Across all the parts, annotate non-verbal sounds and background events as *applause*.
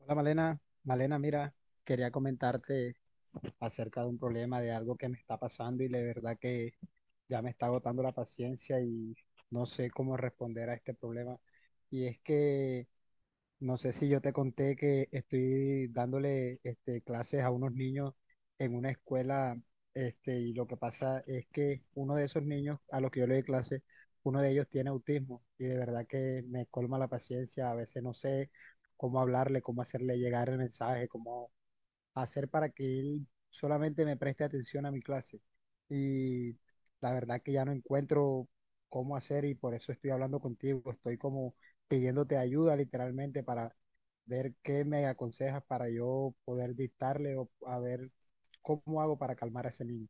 Hola Malena, Malena, mira, quería comentarte acerca de un problema, de algo que me está pasando y de verdad que ya me está agotando la paciencia y no sé cómo responder a este problema. Y es que no sé si yo te conté que estoy dándole clases a unos niños en una escuela, y lo que pasa es que uno de esos niños a los que yo le doy clases, uno de ellos tiene autismo y de verdad que me colma la paciencia, a veces no sé cómo hablarle, cómo hacerle llegar el mensaje, cómo hacer para que él solamente me preste atención a mi clase. Y la verdad que ya no encuentro cómo hacer y por eso estoy hablando contigo. Estoy como pidiéndote ayuda literalmente para ver qué me aconsejas para yo poder dictarle o a ver cómo hago para calmar a ese niño.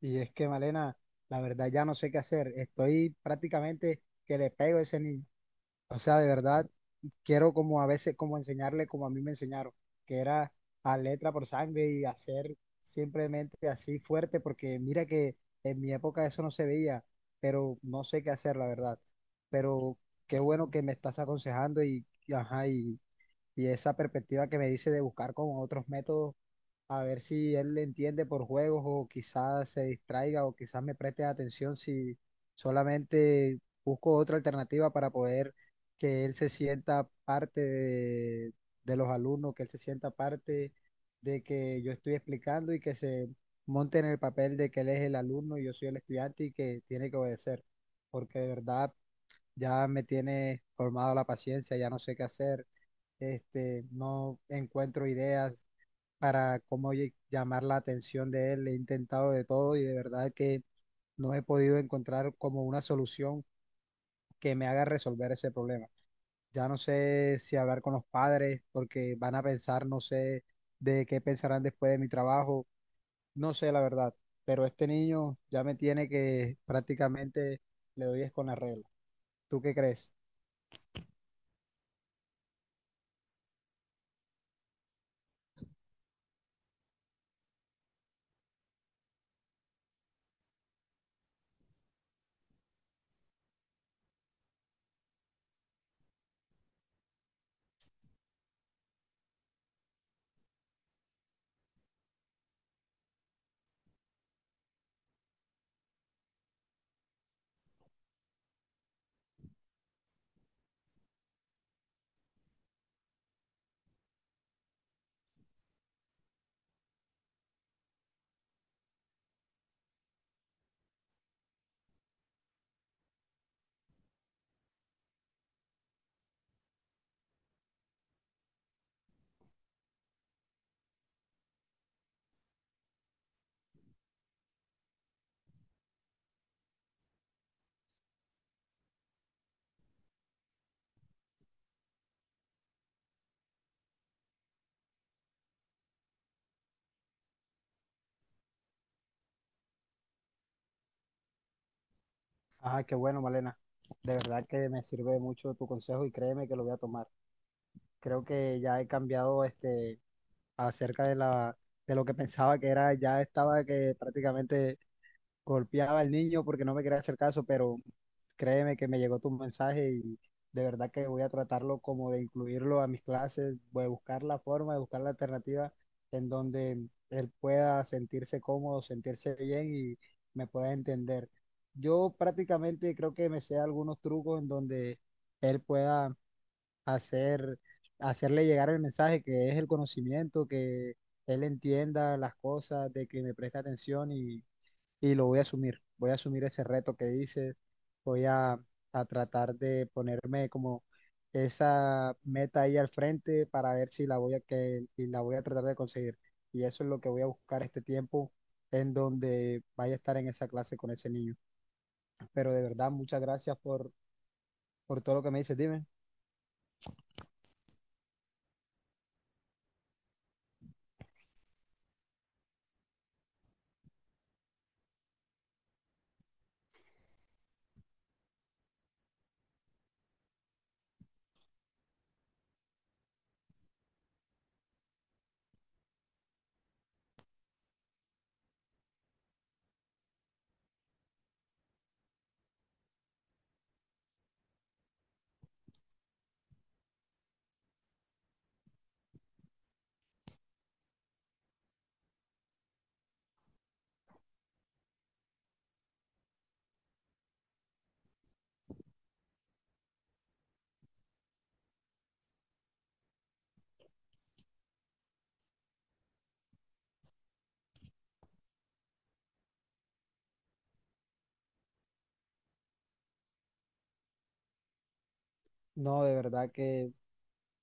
Y es que, Malena, la verdad ya no sé qué hacer. Estoy prácticamente que le pego a ese niño. O sea, de verdad, quiero como a veces, como enseñarle como a mí me enseñaron, que era a letra por sangre y hacer simplemente así fuerte, porque mira que en mi época eso no se veía, pero no sé qué hacer, la verdad. Pero qué bueno que me estás aconsejando y ajá, y esa perspectiva que me dice de buscar con otros métodos, a ver si él le entiende por juegos o quizás se distraiga o quizás me preste atención si solamente busco otra alternativa para poder que él se sienta parte de los alumnos, que él se sienta parte de que yo estoy explicando y que se monte en el papel de que él es el alumno y yo soy el estudiante y que tiene que obedecer, porque de verdad ya me tiene colmado la paciencia, ya no sé qué hacer, no encuentro ideas para cómo llamar la atención de él, he intentado de todo y de verdad que no he podido encontrar como una solución que me haga resolver ese problema. Ya no sé si hablar con los padres porque van a pensar, no sé de qué pensarán después de mi trabajo, no sé la verdad, pero este niño ya me tiene que prácticamente le doy es con la regla. ¿Tú qué crees? Ah, qué bueno, Malena. De verdad que me sirve mucho tu consejo y créeme que lo voy a tomar. Creo que ya he cambiado acerca de la de lo que pensaba que era, ya estaba que prácticamente golpeaba al niño porque no me quería hacer caso, pero créeme que me llegó tu mensaje y de verdad que voy a tratarlo como de incluirlo a mis clases, voy a buscar la forma, de buscar la alternativa en donde él pueda sentirse cómodo, sentirse bien y me pueda entender. Yo prácticamente creo que me sé algunos trucos en donde él pueda hacer, hacerle llegar el mensaje que es el conocimiento, que él entienda las cosas, de que me preste atención y lo voy a asumir. Voy a asumir ese reto que dices, voy a tratar de ponerme como esa meta ahí al frente para ver si la voy a, que, y la voy a tratar de conseguir. Y eso es lo que voy a buscar este tiempo en donde vaya a estar en esa clase con ese niño. Pero de verdad, muchas gracias por todo lo que me dices. Dime, no, de verdad que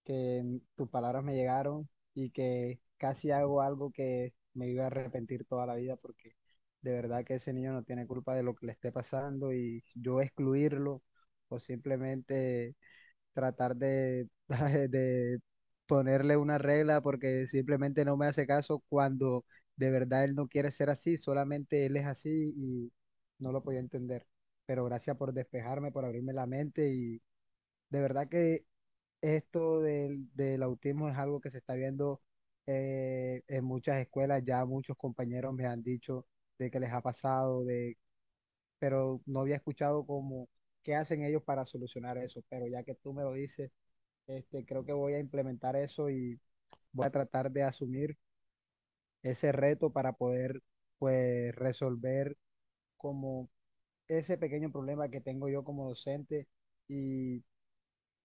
que mm, tus palabras me llegaron y que casi hago algo que me iba a arrepentir toda la vida porque de verdad que ese niño no tiene culpa de lo que le esté pasando y yo excluirlo o simplemente tratar de, *laughs* de ponerle una regla porque simplemente no me hace caso cuando de verdad él no quiere ser así, solamente él es así y no lo podía entender. Pero gracias por despejarme, por abrirme la mente y de verdad que esto del autismo es algo que se está viendo en muchas escuelas. Ya muchos compañeros me han dicho de que les ha pasado, de, pero no había escuchado como qué hacen ellos para solucionar eso. Pero ya que tú me lo dices, creo que voy a implementar eso y voy a tratar de asumir ese reto para poder pues resolver como ese pequeño problema que tengo yo como docente y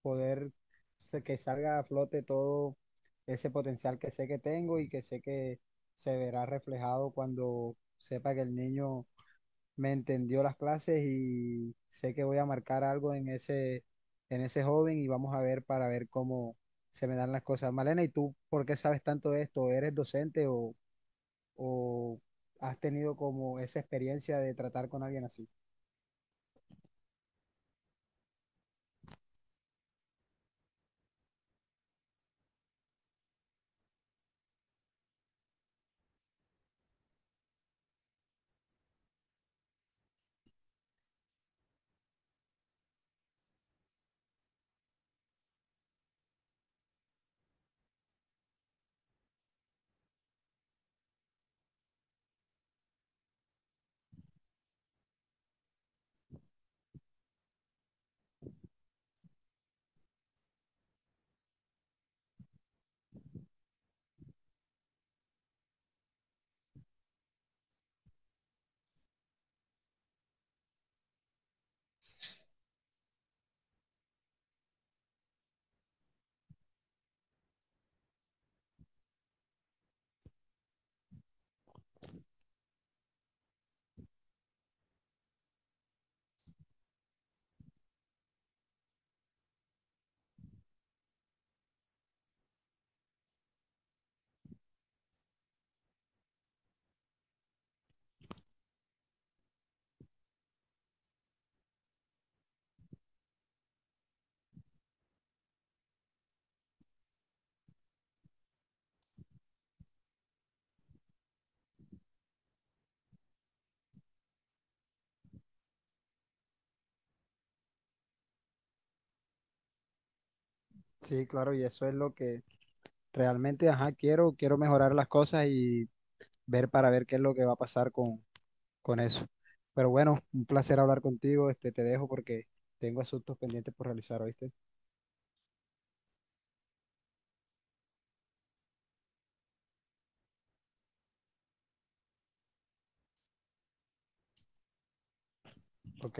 poder que salga a flote todo ese potencial que sé que tengo y que sé que se verá reflejado cuando sepa que el niño me entendió las clases y sé que voy a marcar algo en ese joven y vamos a ver para ver cómo se me dan las cosas. Malena, ¿y tú por qué sabes tanto de esto? ¿Eres docente o has tenido como esa experiencia de tratar con alguien así? Sí, claro, y eso es lo que realmente, ajá, quiero, quiero mejorar las cosas y ver para ver qué es lo que va a pasar con eso. Pero bueno, un placer hablar contigo. Te dejo porque tengo asuntos pendientes por realizar, ¿oíste? Ok,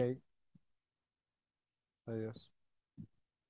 adiós.